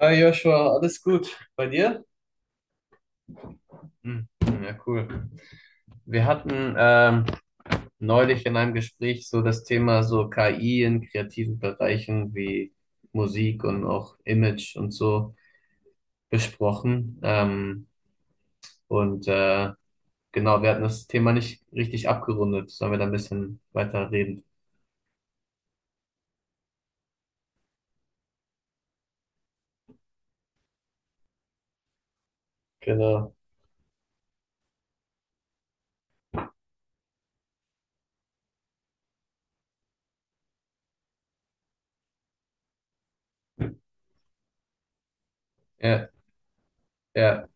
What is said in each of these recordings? Hi Joshua, alles gut bei dir? Hm. Ja, cool. Wir hatten neulich in einem Gespräch so das Thema so KI in kreativen Bereichen wie Musik und auch Image und so besprochen. Und äh, genau, wir hatten das Thema nicht richtig abgerundet. Sollen wir da ein bisschen weiter reden? Genau. Ja, ja,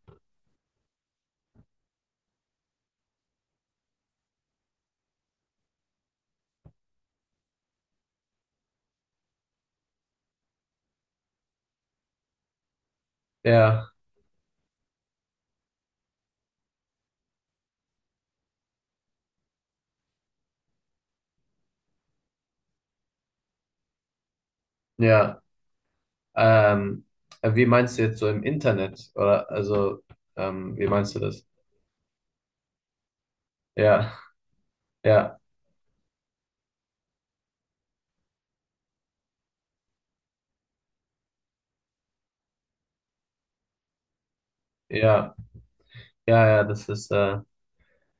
ja, ja. Ähm, wie meinst du jetzt so im Internet? Oder also, wie meinst du das? Ja. Ja, ja, ja, ja, das ist,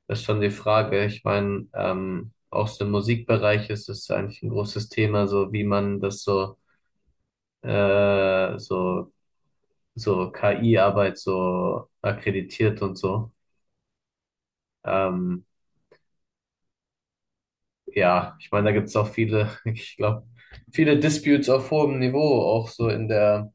das ist schon die Frage. Ich meine, auch so im Musikbereich ist es eigentlich ein großes Thema, so wie man das äh, so, so KI-Arbeit so akkreditiert und so. Ähm, ja, ich meine, da gibt es auch viele, ich glaube, viele Disputes auf hohem Niveau, auch so in der,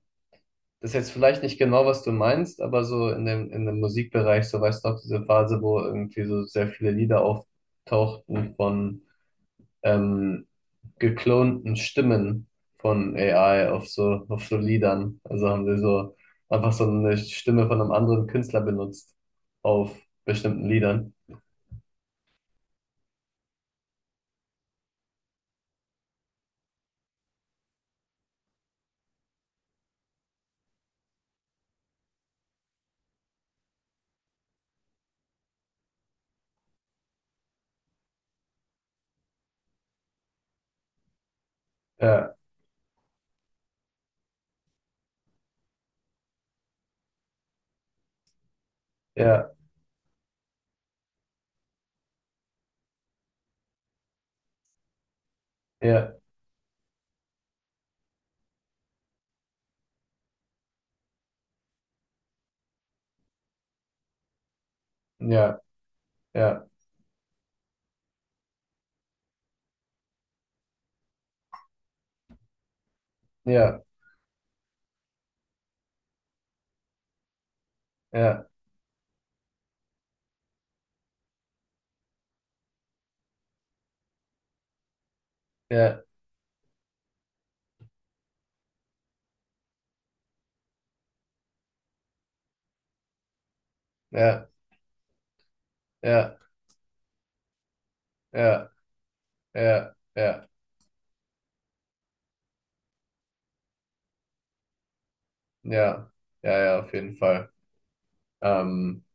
das ist jetzt vielleicht nicht genau, was du meinst, aber so in dem Musikbereich, so weißt du auch diese Phase, wo irgendwie so sehr viele Lieder auftauchten von ähm, geklonten Stimmen von AI auf auf so Liedern. Also haben sie so einfach so eine Stimme von einem anderen Künstler benutzt auf bestimmten Liedern. Ja, ja, ja, ja, ja, ja, ja, ja, ja, ja, ja, ja, ja, ja, ja, ja, auf jeden Fall. Ähm,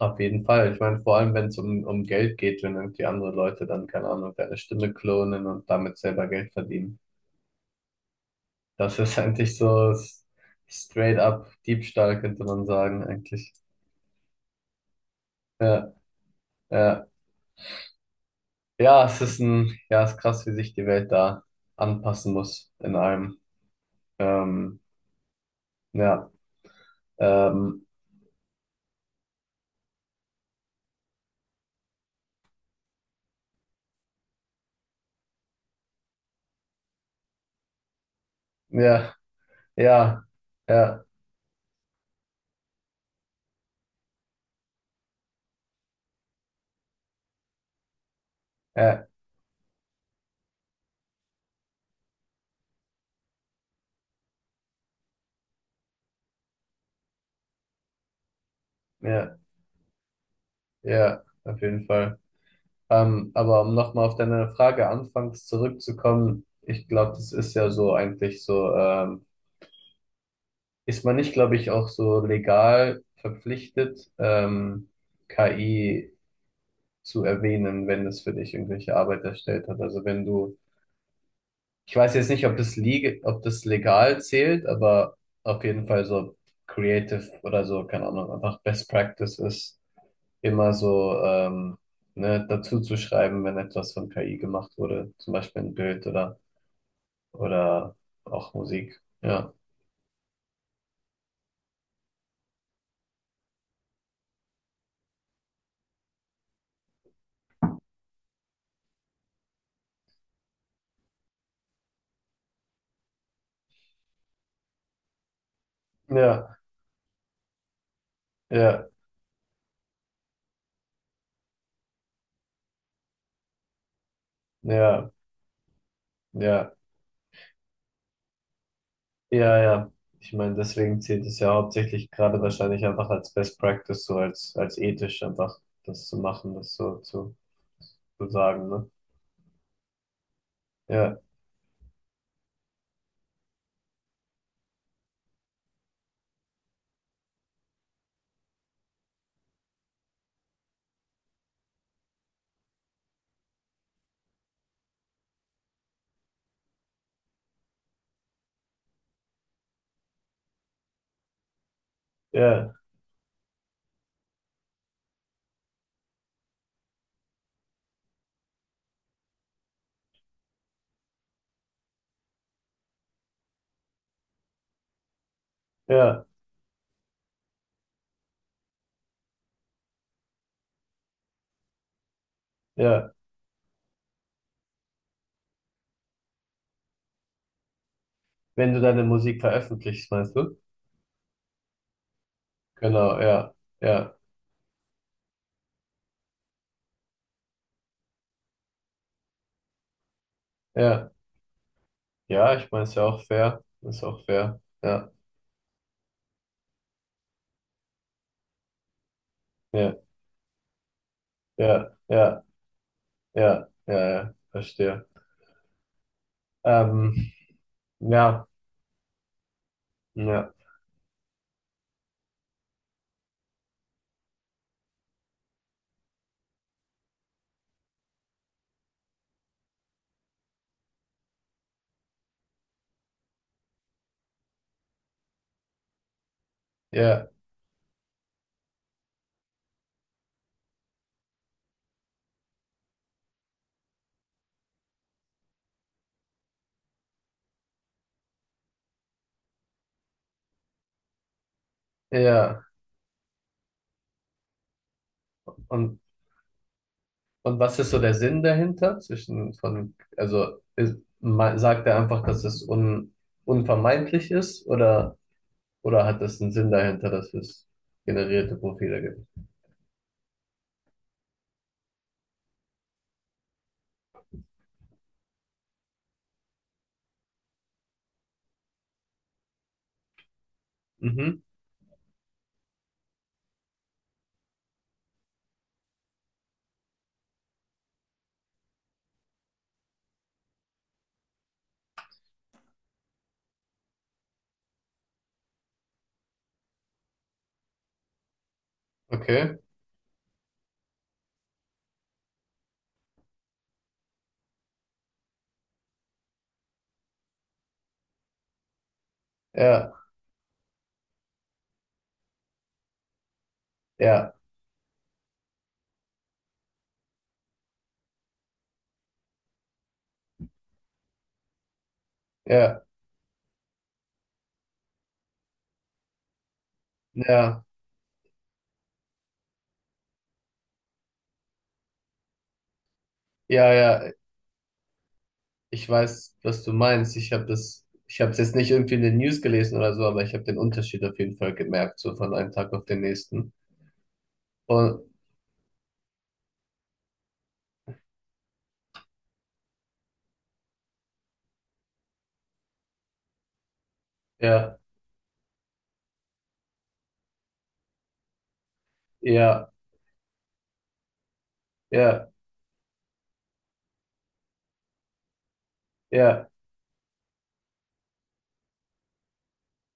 auf jeden Fall. Ich meine, vor allem, wenn es um Geld geht, wenn irgendwie andere Leute dann, keine Ahnung, deine Stimme klonen und damit selber Geld verdienen. Das ist eigentlich straight up Diebstahl, könnte man sagen, eigentlich. Ja, ja. Ja, es ist ein, ja, es ist krass, wie sich die Welt da anpassen muss in allem. Ähm, ja, ähm, ja, ja, ja, ja, ja, ja, auf jeden Fall. Aber um nochmal auf deine Frage anfangs zurückzukommen, ich glaube, das ist ja so eigentlich so, ist man nicht, glaube ich, auch so legal verpflichtet, KI zu erwähnen, wenn es für dich irgendwelche Arbeit erstellt hat. Also wenn du, ich weiß jetzt nicht, ob das legal zählt, aber auf jeden Fall so creative oder so, keine Ahnung, einfach Best Practice ist, immer so, ne, dazu zu schreiben, wenn etwas von KI gemacht wurde, zum Beispiel ein Bild oder auch Musik. Ja, ja, ja, ja, ja. Ja, ja. Ich meine, deswegen zählt es ja hauptsächlich gerade wahrscheinlich einfach als Best Practice, so als ethisch einfach das zu machen, das so zu sagen, ne? Ja, ja, ja, ja. Wenn du deine Musik veröffentlichst, meinst du? Genau, ja, ja, ja. Ja, ich meine, ist ja auch fair. Ist auch fair. Ja, ja, ja, ja, ja, ja, ja, verstehe. Ähm, ja, ja, ja, ja. Und Und was ist so der Sinn dahinter zwischen von, also sagt er einfach, dass es un, unvermeidlich ist oder hat es einen Sinn dahinter, dass es generierte Profile gibt? Mhm, okay. Ja, ja, ja, ja, ja, ja. Ich weiß, was du meinst. Ich habe das, ich habe es jetzt nicht irgendwie in den News gelesen oder so, aber ich habe den Unterschied auf jeden Fall gemerkt, so von einem Tag auf den nächsten. Und ja, ja, ja, ja.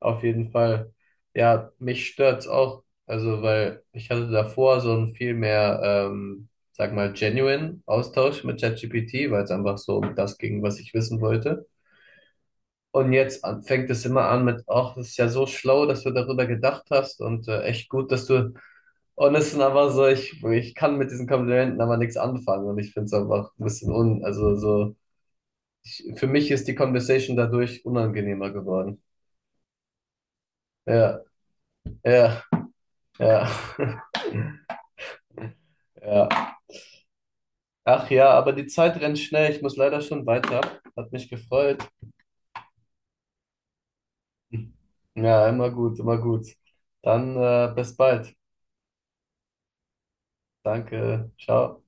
Auf jeden Fall. Ja, mich stört's auch. Also, weil ich hatte davor so einen viel mehr, sag mal, genuine Austausch mit ChatGPT, weil es einfach so um das ging, was ich wissen wollte. Und jetzt fängt es immer an mit, ach, das ist ja so schlau, dass du darüber gedacht hast und echt gut, dass du. Und es sind aber so, ich kann mit diesen Komplimenten aber nichts anfangen und ich finde es einfach ein bisschen un, also so, ich, für mich ist die Conversation dadurch unangenehmer geworden. Ja, ja, ja. Ja. Ach ja, aber die Zeit rennt schnell. Ich muss leider schon weiter. Hat mich gefreut. Ja, immer gut, immer gut. Dann bis bald. Danke. Ciao.